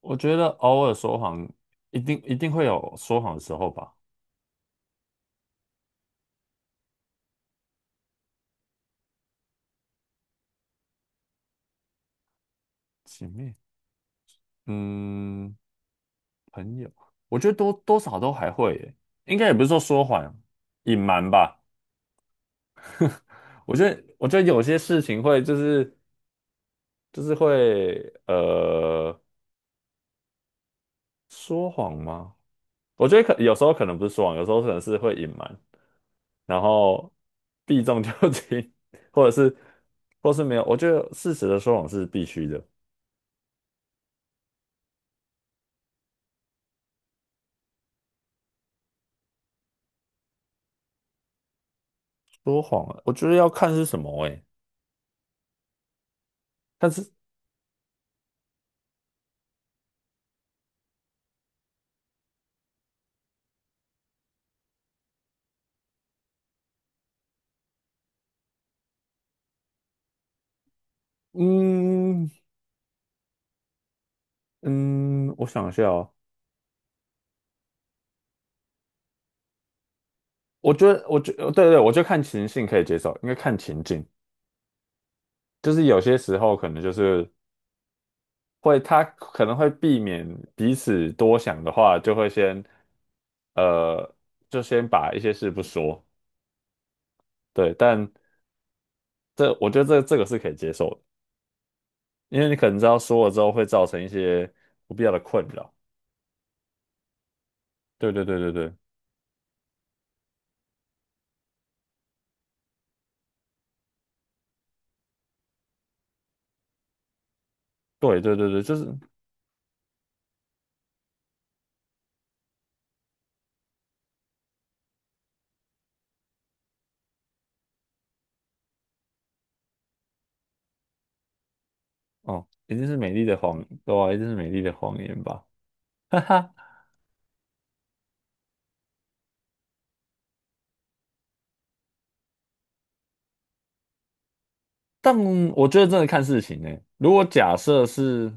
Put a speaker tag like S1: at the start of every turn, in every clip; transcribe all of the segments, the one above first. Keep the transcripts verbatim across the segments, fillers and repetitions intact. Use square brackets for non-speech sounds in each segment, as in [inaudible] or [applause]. S1: 我觉得偶尔说谎，一定一定会有说谎的时候吧。前面嗯，朋友，我觉得多多少都还会耶，应该也不是说说谎，隐瞒吧。我觉得，我觉得有些事情会就是就是会呃说谎吗？我觉得可有时候可能不是说谎，有时候可能是会隐瞒，然后避重就轻，或者是或是没有。我觉得事实的说谎是必须的。说谎啊，我觉得要看是什么诶。但是嗯嗯，我想一下哦，我觉得，我觉得，对对，我就看情境可以接受，因为看情境，就是有些时候可能就是会，他可能会避免彼此多想的话，就会先，呃，就先把一些事不说，对，但这我觉得这这个是可以接受的，因为你可能知道说了之后会造成一些不必要的困扰，对对对对对对对对对，就是哦，一定是美丽的谎，对啊，一定是美丽的谎言吧。[laughs] 哈哈。但我觉得真的看事情呢、如果假设是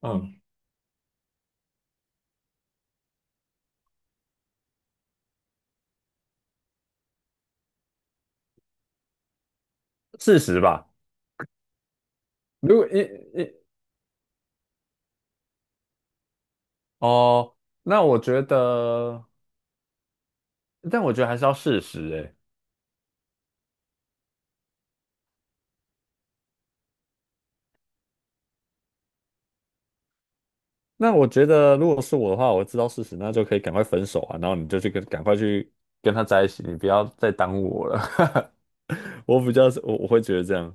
S1: 嗯，事实吧，如果一一哦，那我觉得，但我觉得还是要事实哎、那我觉得，如果是我的话，我知道事实，那就可以赶快分手啊，然后你就去跟赶快去跟他在一起，你不要再耽误我了。[laughs] 我比较是我我会觉得这样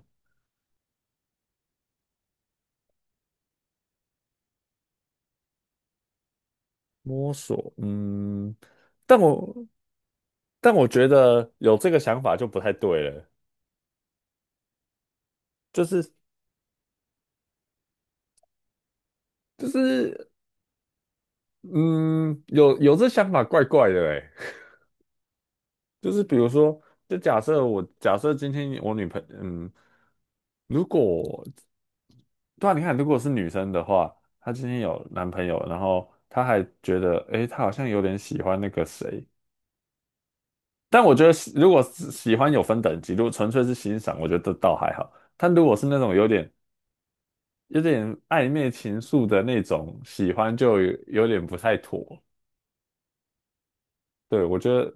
S1: 摸索，嗯，但我但我觉得有这个想法就不太对了，就是就是嗯，有有这想法怪怪的哎，就是比如说，就假设我假设今天我女朋嗯，如果对啊，你看，如果是女生的话，她今天有男朋友，然后她还觉得，诶，她好像有点喜欢那个谁。但我觉得喜如果是喜欢有分等级，如果纯粹是欣赏，我觉得倒还好。但如果是那种有点有点暧昧情愫的那种喜欢，就有有点不太妥。对，我觉得，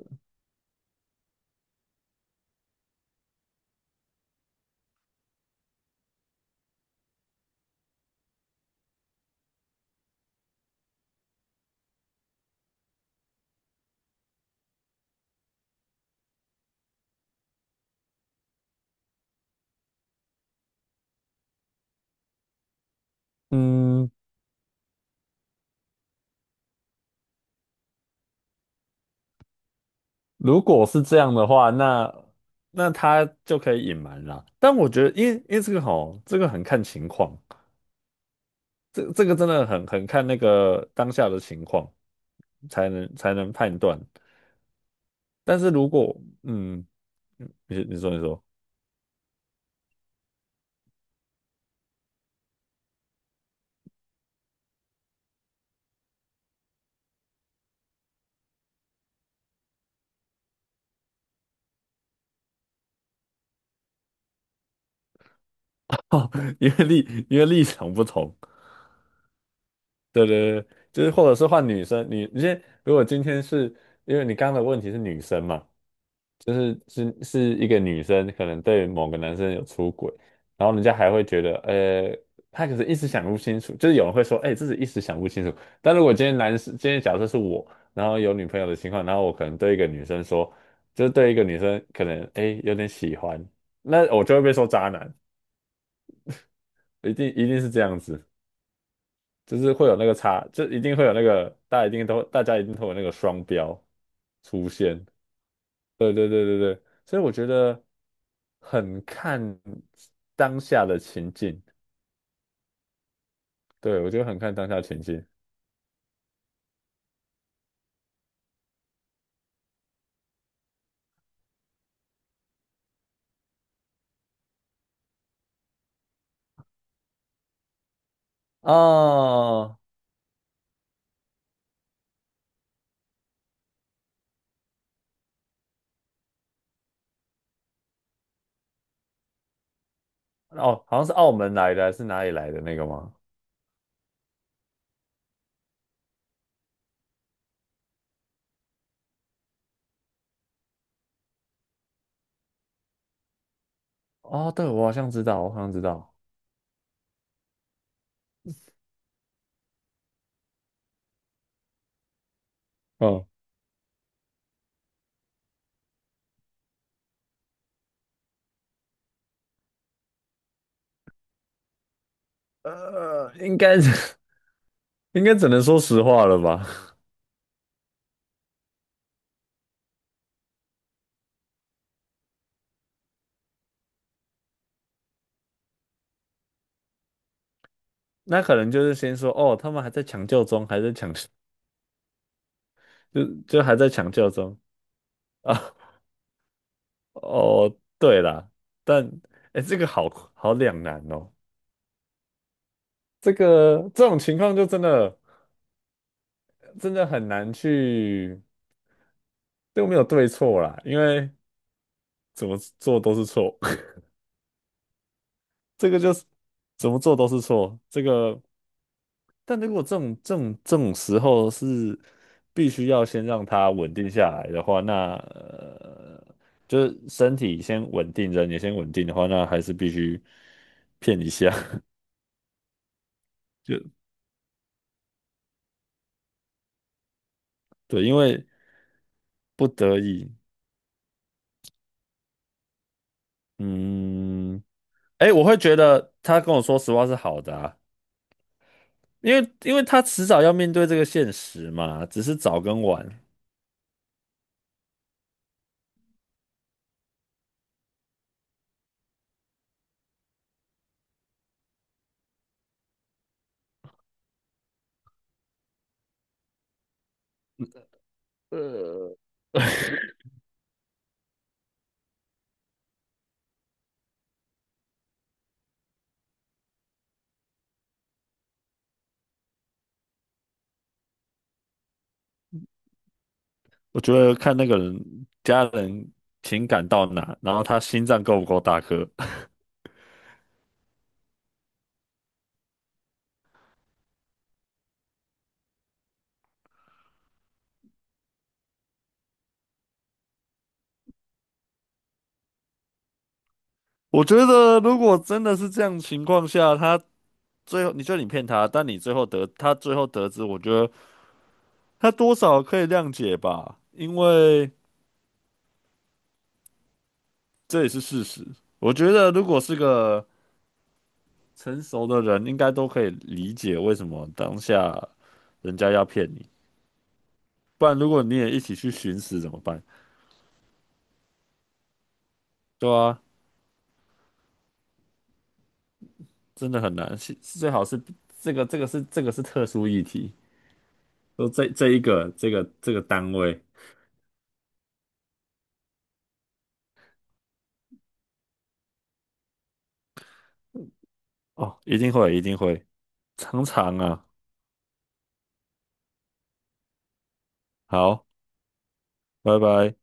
S1: 嗯。如果是这样的话，那那他就可以隐瞒啦。但我觉得，因为因为这个吼，这个很看情况，这这个真的很很看那个当下的情况，才能才能判断。但是如果嗯，你你说你说，[laughs] 哦，因为立因为立场不同，对对对，就是或者是换女生，你你先，如果今天是因为你刚刚的问题是女生嘛，就是是是一个女生可能对某个男生有出轨，然后人家还会觉得，呃，她可是一时想不清楚，就是有人会说，哎、自己一时想不清楚。但如果今天男生，今天假设是我，然后有女朋友的情况，然后我可能对一个女生说，就是对一个女生可能，哎、有点喜欢，那我就会被说渣男，一定一定是这样子。就是会有那个差，就一定会有那个，大家一定都，大家一定会有那个双标出现。对对对对对，所以我觉得很看当下的情境，对，我觉得很看当下情境。哦哦，好像是澳门来的还是哪里来的那个吗？哦，对，我好像知道，我好像知道。嗯，呃，应该是 [laughs] 应该只能说实话了吧？[laughs] 那可能就是先说，哦，他们还在抢救中，还在抢，就就还在抢救中。啊，哦，对啦，但哎，这个好好两难哦。这个这种情况就真的真的很难去，都没有对错啦，因为怎么做都是错，[laughs] 这个就是怎么做都是错。这个，但如果这种这种这种时候是必须要先让它稳定下来的话，那呃，就是身体先稳定，人也先稳定的话，那还是必须骗一下。[laughs] 就对，因为不得已，嗯，哎，我会觉得他跟我说实话是好的啊，因为因为他迟早要面对这个现实嘛，只是早跟晚。我觉得看那个人家人情感到哪，然后他心脏够不够大颗。[laughs] 我觉得如果真的是这样情况下，他最后你觉得你骗他，但你最后得他最后得知，我觉得他多少可以谅解吧，因为这也是事实。我觉得如果是个成熟的人应该都可以理解为什么当下人家要骗你，不然如果你也一起去寻死怎么办？对啊，真的很难，是最好是这个这个是这个是特殊议题，说这这一个这个这个单位哦，一定会一定会，常常啊，好，拜拜。